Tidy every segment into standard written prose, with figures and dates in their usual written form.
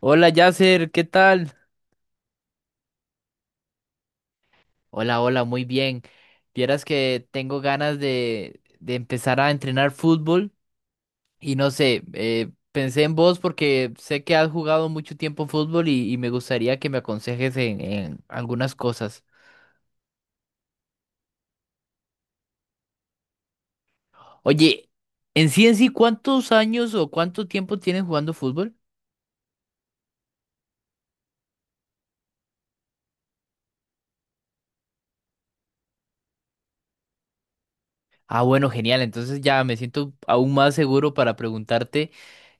Hola Yasser, ¿qué tal? Hola, hola, muy bien. Vieras que tengo ganas de empezar a entrenar fútbol y no sé, pensé en vos porque sé que has jugado mucho tiempo fútbol y me gustaría que me aconsejes en algunas cosas. Oye, en sí, ¿cuántos años o cuánto tiempo tienes jugando fútbol? Ah, bueno, genial, entonces ya me siento aún más seguro para preguntarte.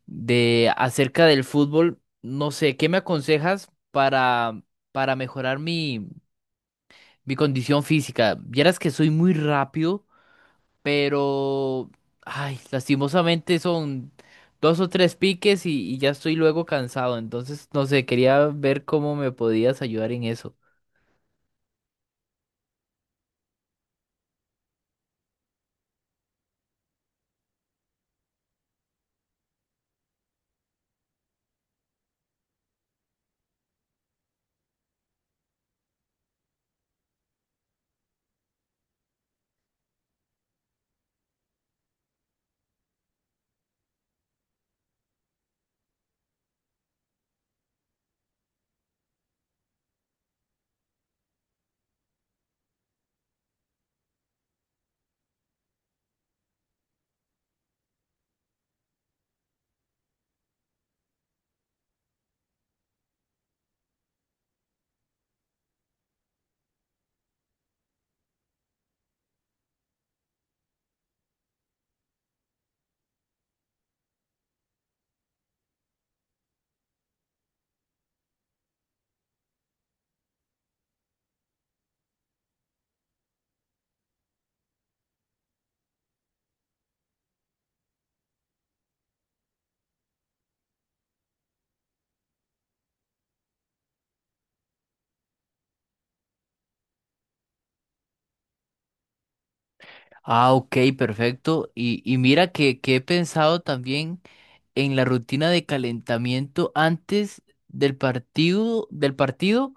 De acerca del fútbol. No sé, ¿qué me aconsejas para mejorar mi condición física? Vieras que soy muy rápido, pero, ay, lastimosamente son dos o tres piques y ya estoy luego cansado. Entonces, no sé, quería ver cómo me podías ayudar en eso. Ah, ok, perfecto. Y mira que he pensado también en la rutina de calentamiento antes del partido, del partido.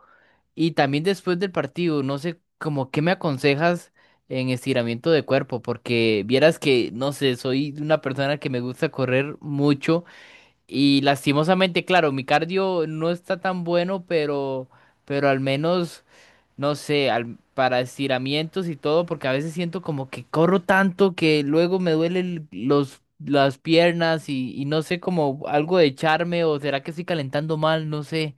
Y también después del partido, no sé, como qué me aconsejas en estiramiento de cuerpo, porque vieras que, no sé, soy una persona que me gusta correr mucho y lastimosamente, claro, mi cardio no está tan bueno, pero al menos, no sé, para estiramientos y todo, porque a veces siento como que corro tanto que luego me duelen las piernas y no sé, como algo de echarme o será que estoy calentando mal, no sé.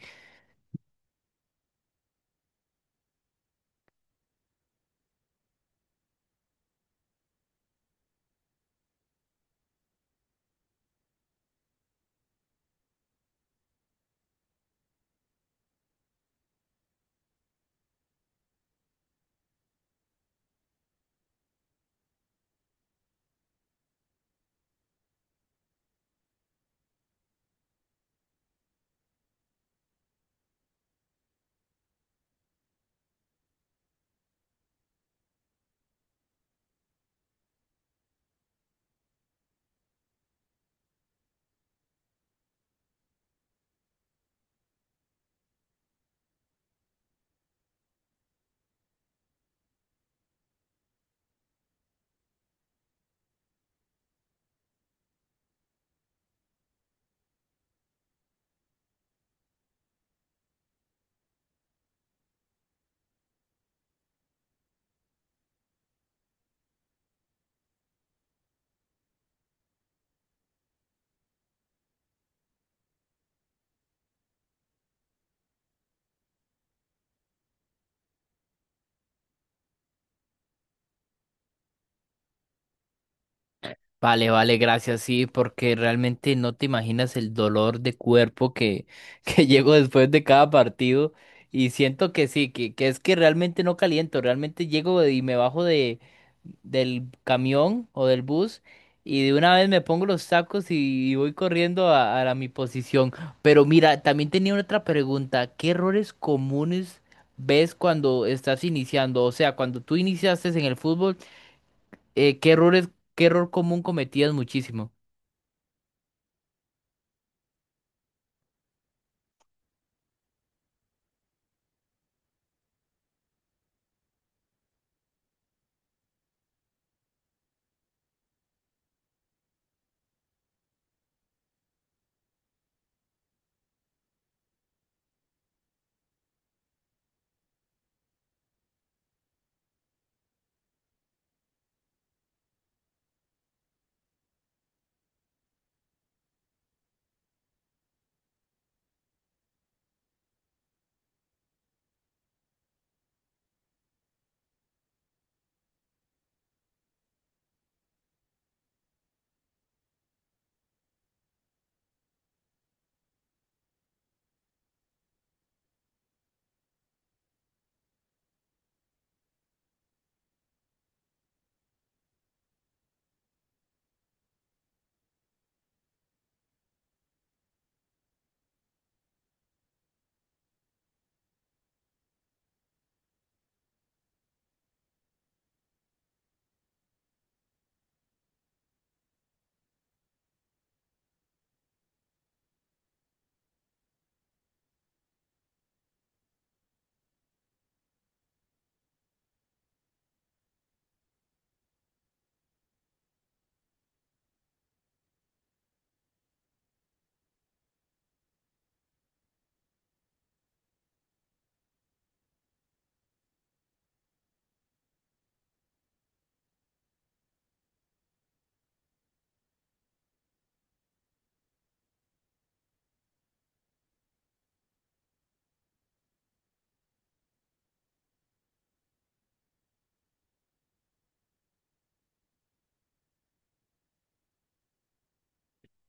Vale, vale, gracias, sí, porque realmente no te imaginas el dolor de cuerpo que, que llego después de cada partido y siento que sí, que es que realmente no caliento, realmente llego y me bajo del camión o del bus y de una vez me pongo los sacos y voy corriendo a mi posición. Pero mira, también tenía otra pregunta, ¿qué errores comunes ves cuando estás iniciando? O sea, cuando tú iniciaste en el fútbol… ¿qué errores, qué error común cometías muchísimo?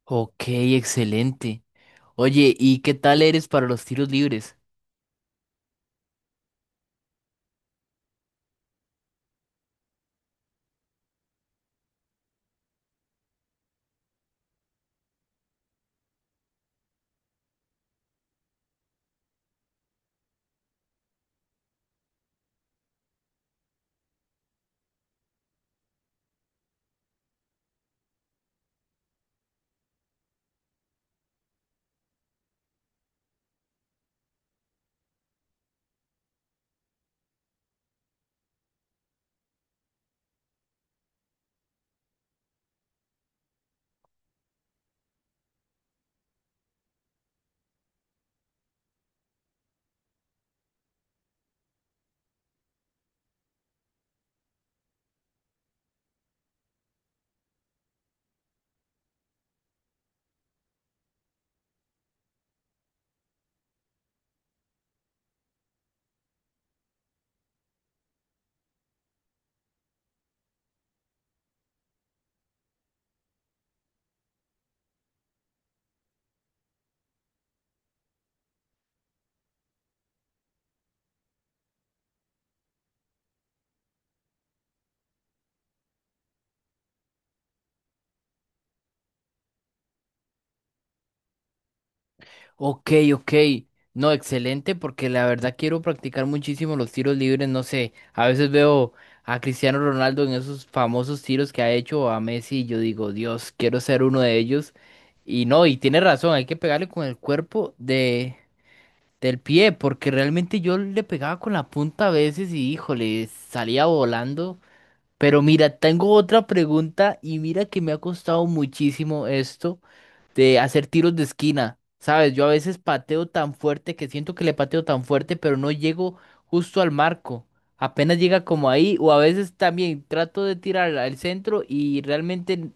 Ok, excelente. Oye, ¿y qué tal eres para los tiros libres? Ok, ok. No, excelente, porque la verdad quiero practicar muchísimo los tiros libres. No sé, a veces veo a Cristiano Ronaldo en esos famosos tiros que ha hecho o a Messi y yo digo, Dios, quiero ser uno de ellos. Y no, y tiene razón, hay que pegarle con el cuerpo del pie, porque realmente yo le pegaba con la punta a veces y híjole, salía volando. Pero mira, tengo otra pregunta y mira que me ha costado muchísimo esto de hacer tiros de esquina. Sabes, yo a veces pateo tan fuerte que siento que le pateo tan fuerte, pero no llego justo al marco. Apenas llega como ahí, o a veces también trato de tirar al centro y realmente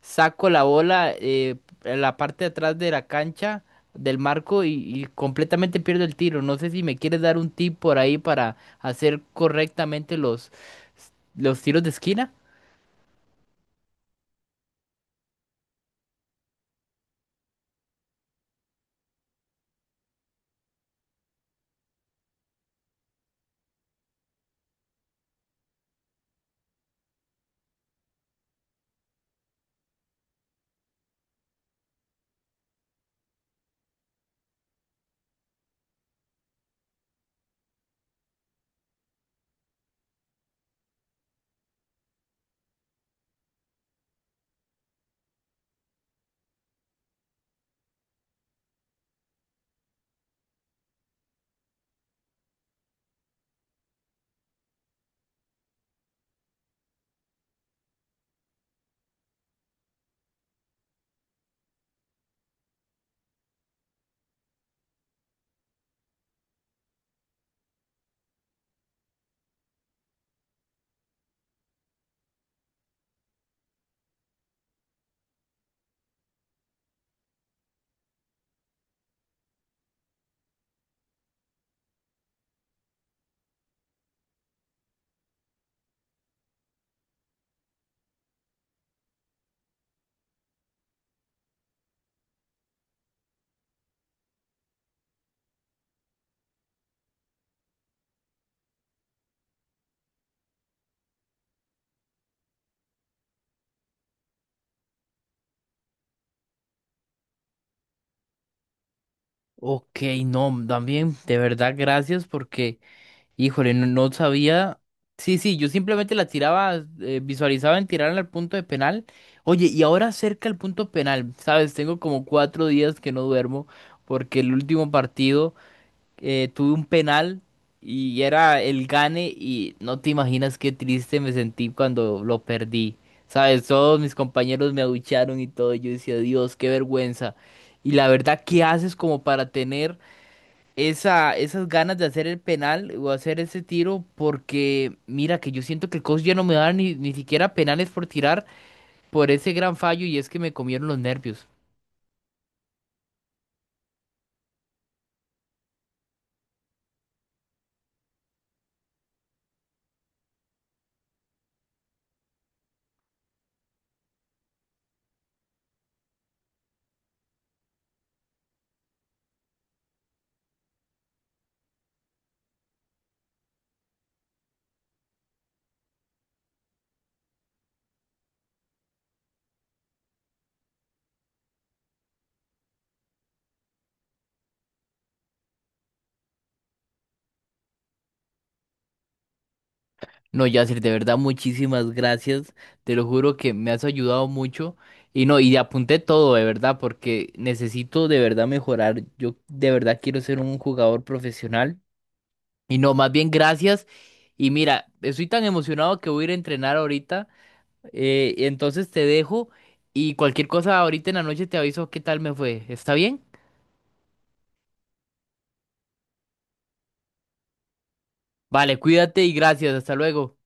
saco la bola en la parte de atrás de la cancha, del marco, y completamente pierdo el tiro. No sé si me quieres dar un tip por ahí para hacer correctamente los tiros de esquina. Ok, no, también, de verdad, gracias porque, híjole, no, no sabía. Sí, sí, yo simplemente la tiraba, visualizaba en tirarla al punto de penal. Oye, y ahora cerca al punto penal, ¿sabes? Tengo como cuatro días que no duermo porque el último partido. Tuve un penal y era el gane y no te imaginas qué triste me sentí cuando lo perdí. Sabes, todos mis compañeros me abuchearon y todo, y yo decía, Dios, qué vergüenza. Y la verdad, ¿qué haces como para tener esas ganas de hacer el penal o hacer ese tiro? Porque mira que yo siento que el coach ya no me da ni siquiera penales por tirar por ese gran fallo y es que me comieron los nervios. No, Yacir, de verdad, muchísimas gracias. Te lo juro que me has ayudado mucho. Y no, y apunté todo, de verdad, porque necesito de verdad mejorar. Yo de verdad quiero ser un jugador profesional. Y no, más bien gracias. Y mira, estoy tan emocionado que voy a ir a entrenar ahorita. Entonces te dejo y cualquier cosa ahorita en la noche te aviso qué tal me fue. ¿Está bien? Vale, cuídate y gracias. Hasta luego.